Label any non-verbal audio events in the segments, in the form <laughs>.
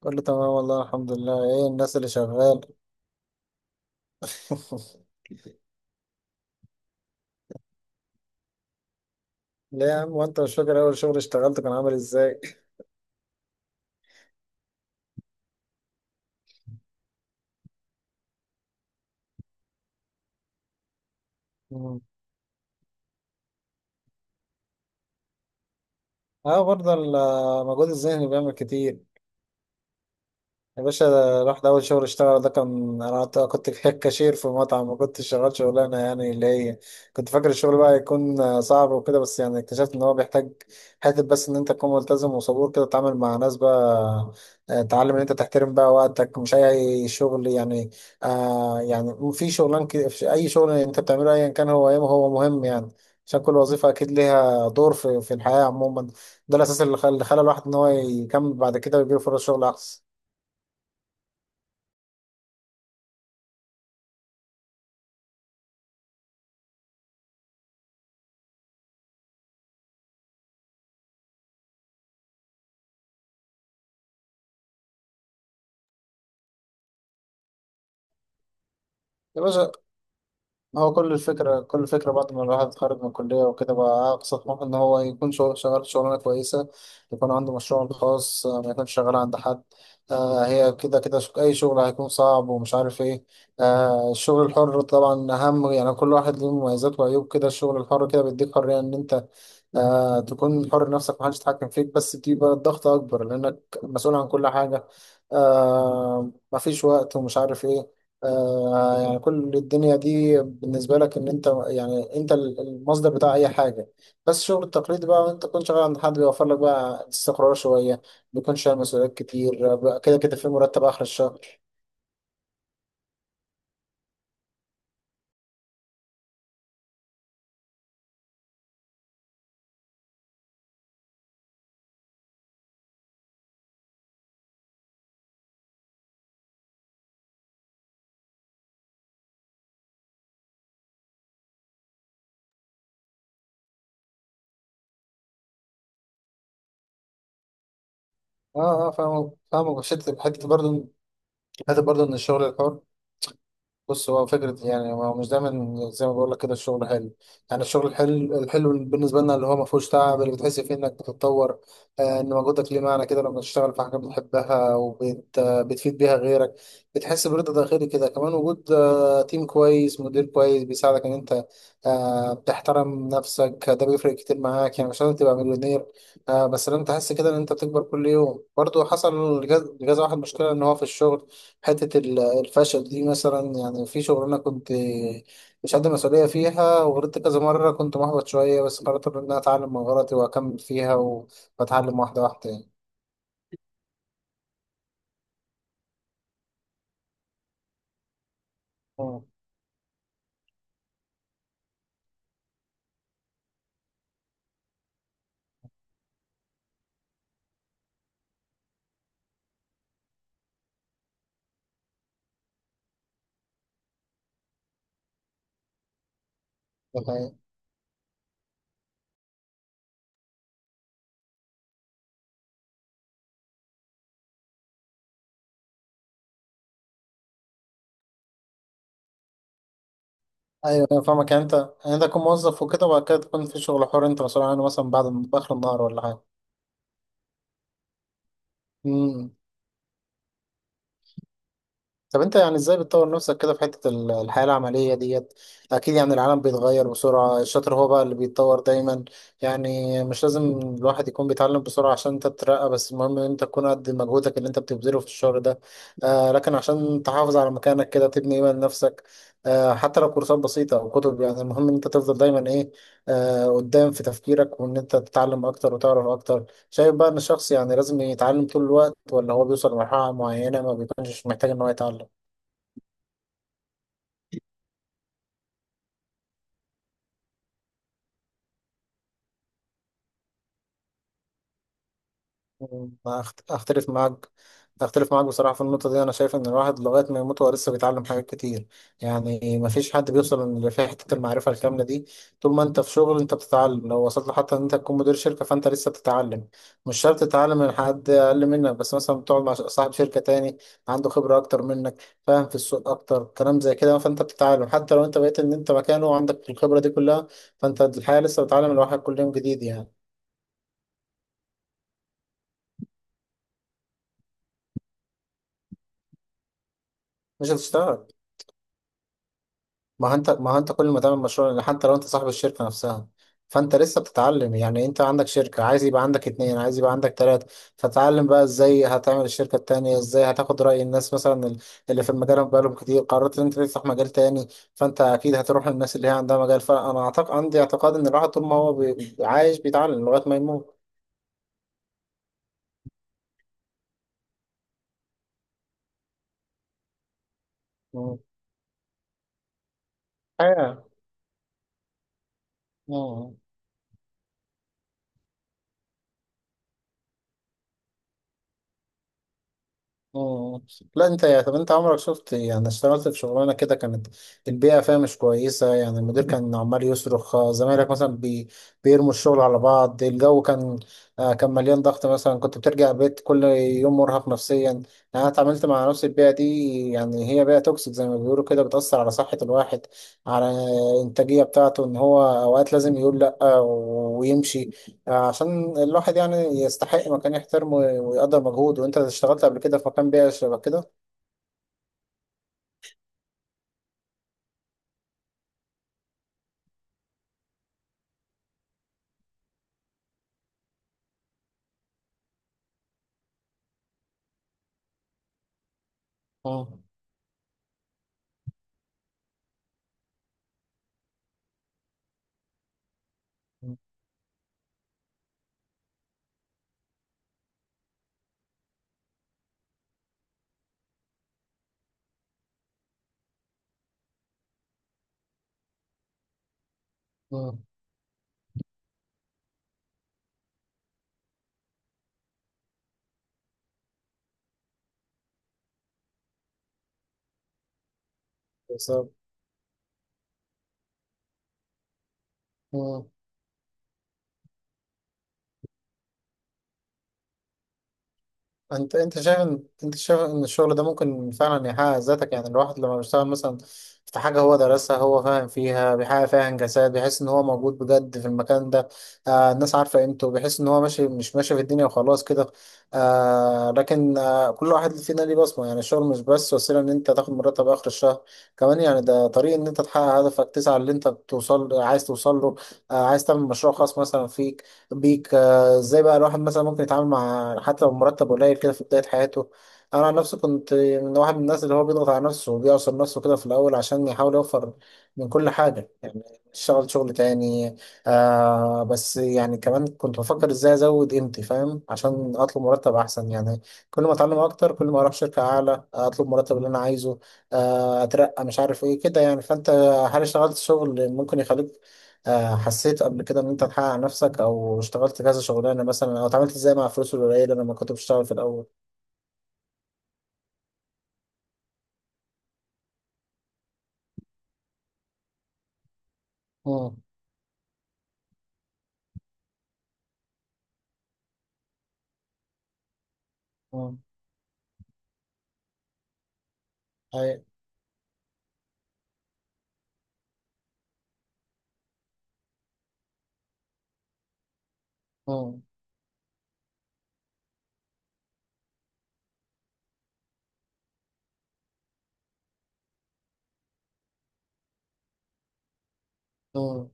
كله تمام، والله الحمد لله. ايه الناس، اللي شغال؟ <laughs> ليه يا عم؟ وانت مش فاكر اول شغل اشتغلته كان عامل ازاي؟ مم. اه، برضه المجهود الذهني بيعمل كتير. يا باشا، ده رحت أول شغل اشتغل، ده كان أنا كنت في كاشير في مطعم، ما كنتش شغال شغلانة يعني اللي هي... كنت فاكر الشغل بقى يكون صعب وكده، بس يعني اكتشفت إن هو بيحتاج حتة، بس إن أنت تكون ملتزم وصبور كده، تتعامل مع ناس بقى. تعلم إن أنت تحترم بقى وقتك، مش أي شغل يعني. يعني في شغلان كده، في أي شغل أنت بتعمله أيا كان هو إيه، هو مهم يعني. عشان كل وظيفة أكيد ليها دور في الحياة عموما. ده الأساس اللي خلى الواحد إن هو يكمل بعد كده ويجيله فرص شغل أحسن. يا باشا. هو كل الفكرة بعد ما الواحد اتخرج من الكلية وكده، بقى أقصى طموحه إن هو يكون شغل شغال شغلانة كويسة، يكون عنده مشروع الخاص، ما يكونش شغال عند حد. هي كده كده، أي شغل هيكون صعب ومش عارف إيه. الشغل الحر طبعا أهم، يعني كل واحد له مميزات وعيوب كده. الشغل الحر كده بيديك حرية إن أنت تكون حر نفسك، محدش يتحكم فيك، بس بيبقى الضغط أكبر لأنك مسؤول عن كل حاجة. مفيش وقت ومش عارف إيه. يعني كل الدنيا دي بالنسبة لك إن أنت، يعني أنت المصدر بتاع أي حاجة. بس الشغل التقليدي بقى، وأنت تكون شغال عند حد، بيوفر لك بقى استقرار شوية، بيكون شايل مسؤوليات كتير. بقى كده كده في مرتب آخر الشهر. أه أه، فاهمك فاهمك، بس حتة حتة برضه. حتة برضه إن الشغل الحر، بص هو فكرة، يعني هو مش دايما زي ما بقول لك كده الشغل حلو. يعني الشغل الحلو الحلو بالنسبة لنا اللي هو ما فيهوش تعب، اللي بتحس فيه انك بتتطور. ان مجهودك ليه معنى كده، لما تشتغل في حاجة بتحبها وبت آه، بتفيد بيها غيرك، بتحس برضا داخلي كده. كمان وجود تيم كويس، مدير كويس بيساعدك ان انت بتحترم نفسك، ده بيفرق كتير معاك. يعني مش لازم تبقى مليونير، بس لازم تحس كده ان انت بتكبر كل يوم. برضه حصل لجاز واحد مشكلة ان هو في الشغل، حتة الفشل دي مثلا. يعني في شغلانة كنت مش قد مسؤولية فيها، وغلطت كذا مرة، كنت محبط شوية، بس قررت إن أنا أتعلم من غلطي وأكمل فيها وأتعلم واحدة واحدة يعني. مم. ده حقيقي. أيوة أنا فاهمك، يعني أنت، يعني أنت تكون موظف وكده، وبعد كده تكون في شغل حر أنت مسؤول عنه، مثلا بعد آخر النهار، ولا حاجة. مم. طب انت يعني ازاي بتطور نفسك كده في حتة الحياة العملية ديت؟ اكيد يعني العالم بيتغير بسرعة، الشاطر هو بقى اللي بيتطور دايما. يعني مش لازم الواحد يكون بيتعلم بسرعة عشان انت تترقى، بس المهم ان انت تكون قد مجهودك اللي انت بتبذله في الشغل ده. لكن عشان تحافظ على مكانك كده، تبني ايمان لنفسك، حتى لو كورسات بسيطة او كتب، يعني المهم ان انت تفضل دايما ايه، قدام في تفكيرك، وان انت تتعلم اكتر وتعرف اكتر. شايف بقى ان الشخص يعني لازم يتعلم طول الوقت، ولا هو بيوصل لمرحلة معينة ما بيكونش محتاج ان هو يتعلم؟ ما أخت- أختلف معاك، أختلف معاك بصراحة في النقطة دي. أنا شايف إن الواحد لغاية ما يموت هو لسه بيتعلم حاجات كتير، يعني مفيش حد بيوصل لفي حتة المعرفة الكاملة دي. طول ما أنت في شغل أنت بتتعلم، لو وصلت لحتى إن أنت تكون مدير شركة فأنت لسه بتتعلم. مش شرط تتعلم من حد أقل منك، بس مثلا بتقعد مع صاحب شركة تاني عنده خبرة أكتر منك فاهم، في السوق أكتر، كلام زي كده، فأنت بتتعلم حتى لو أنت بقيت إن أنت مكانه وعندك الخبرة دي كلها. فأنت الحياة لسه بتتعلم، الواحد كل يوم جديد يعني. مش هتشتغل. ما هو انت كل ما تعمل مشروع، لأن حتى لو انت صاحب الشركة نفسها فانت لسه بتتعلم. يعني انت عندك شركة، عايز يبقى عندك اتنين، عايز يبقى عندك تلاتة، فتعلم بقى ازاي هتعمل الشركة التانية، ازاي هتاخد رأي الناس مثلا اللي في المجال بقالهم كتير. قررت ان انت تفتح مجال تاني، فانت اكيد هتروح للناس اللي هي عندها مجال. فانا اعتقد، عندي اعتقاد ان الواحد طول ما هو عايش بيتعلم لغاية ما يموت. مم. ايوه. مم. مم. لا، انت يا طب انت عمرك شفت يعني، اشتغلت في شغلانه كده كانت البيئه فيها مش كويسه؟ يعني المدير كان عمال يصرخ، زمايلك مثلا بيرموا الشغل على بعض، الجو كان كان مليان ضغط، مثلا كنت بترجع البيت كل يوم مرهق نفسيا يعني. انا اتعاملت مع نفس البيئه دي، يعني هي بيئه توكسيك زي ما بيقولوا كده، بتاثر على صحه الواحد، على الانتاجيه بتاعته، ان هو اوقات لازم يقول لا ويمشي، عشان الواحد يعني يستحق مكان يحترمه ويقدر مجهوده. وانت اشتغلت قبل كده في مكان بيئة شبه كده؟ مم. مم. بالظبط. انت شايف ان الشغل ده ممكن فعلا يحقق ذاتك؟ يعني الواحد لما بيشتغل مثلا في حاجة هو درسها، هو فاهم فيها، بيحقق فيها انجازات، بيحس ان هو موجود بجد في المكان ده، الناس عارفة قيمته، بيحس ان هو ماشي مش ماشي في الدنيا وخلاص كده. لكن، كل واحد فينا ليه بصمة. يعني الشغل مش بس وسيلة ان انت تاخد مرتب اخر الشهر، كمان يعني ده طريق ان انت تحقق هدفك، تسعى اللي انت توصل عايز توصل له، عايز تعمل مشروع خاص مثلا فيك، بيك. فازاي بقى الواحد مثلا ممكن يتعامل مع حتى لو مرتب قليل كده في بداية حياته؟ انا عن نفسي كنت من واحد من الناس اللي هو بيضغط على نفسه وبيعصر نفسه كده في الاول، عشان يحاول يوفر من كل حاجة يعني، اشتغل شغل تاني. بس يعني كمان كنت بفكر ازاي ازود قيمتي فاهم، عشان اطلب مرتب احسن يعني. كل ما اتعلم اكتر كل ما اروح شركة اعلى اطلب مرتب اللي انا عايزه، اترقى مش عارف ايه كده يعني. فانت هل اشتغلت شغل ممكن يخليك، حسيت قبل كده ان انت تحقق على نفسك، او اشتغلت كذا شغلانه مثلا، او اتعاملت ازاي مع الفلوس القليله لما كنت بشتغل في الاول؟ امم، امم. اي. امم، امم.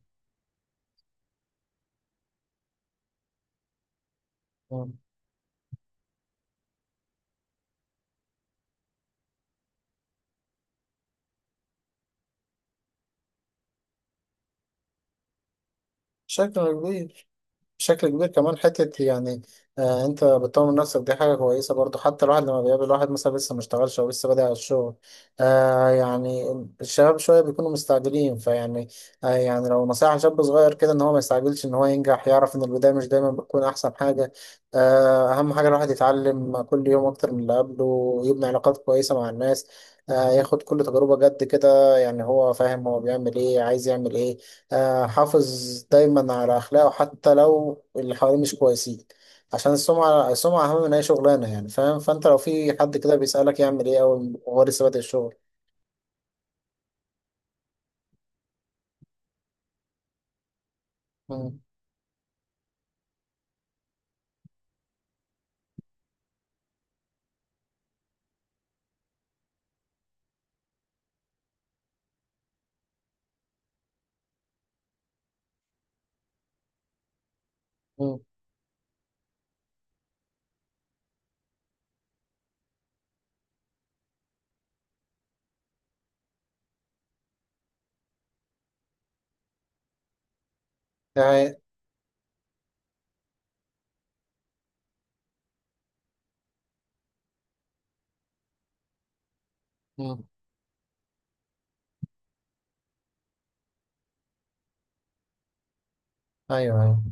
بشكل كبير. بشكل كبير، كمان حتة يعني. انت بتطور نفسك، دي حاجة كويسة برضو. حتى الواحد لما بيقابل واحد مثلا لسه ما اشتغلش او لسه بادئ على الشغل، يعني الشباب شوية بيكونوا مستعجلين فيعني. يعني لو نصيحة شاب صغير كده، ان هو ما يستعجلش ان هو ينجح، يعرف ان البداية مش دايما بتكون احسن حاجة. اهم حاجة الواحد يتعلم كل يوم اكتر من اللي قبله، يبني علاقات كويسة مع الناس، ياخد كل تجربة جد كده، يعني هو فاهم هو بيعمل ايه، عايز يعمل ايه، حافظ دايما على أخلاقه حتى لو اللي حواليه مش كويسين، عشان السمعة، السمعة أهم من أي شغلانة يعني فاهم. فأنت لو في حد كده بيسألك يعمل إيه أول وهو لسه بادئ الشغل؟ مم. مم. ده حقيقة. مم. أيوه، أيوه،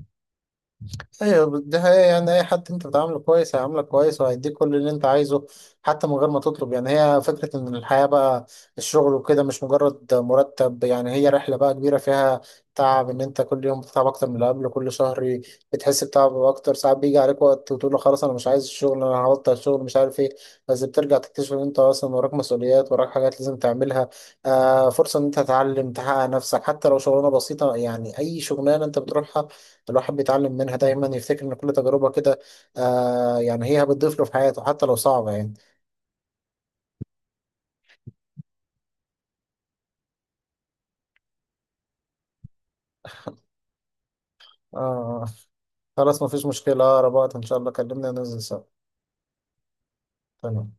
ايوه. ده هي، يعني اي حد انت بتعامله كويس هيعاملك كويس، وهيديك كل اللي انت عايزه حتى من غير ما تطلب يعني. هي فكره ان الحياه بقى، الشغل وكده، مش مجرد مرتب يعني. هي رحله بقى كبيره، فيها تعب، ان انت كل يوم بتتعب اكتر من اللي قبله، كل شهر بتحس بتعب اكتر. ساعات بيجي عليك وقت وتقول له خلاص انا مش عايز الشغل، انا هبطل الشغل مش عارف ايه، بس بترجع تكتشف ان انت اصلا وراك مسؤوليات، وراك حاجات لازم تعملها، فرصه ان انت تتعلم، تحقق نفسك، حتى لو شغلانه بسيطه يعني. اي شغلانه انت بتروحها الواحد بيتعلم منها دايما، يفتكر ان كل تجربة كده يعني هي بتضيف له في حياته حتى لو صعبة يعني. آه خلاص، مفيش مشكلة، اقرب وقت ان شاء الله كلمنا ننزل سوا. تمام.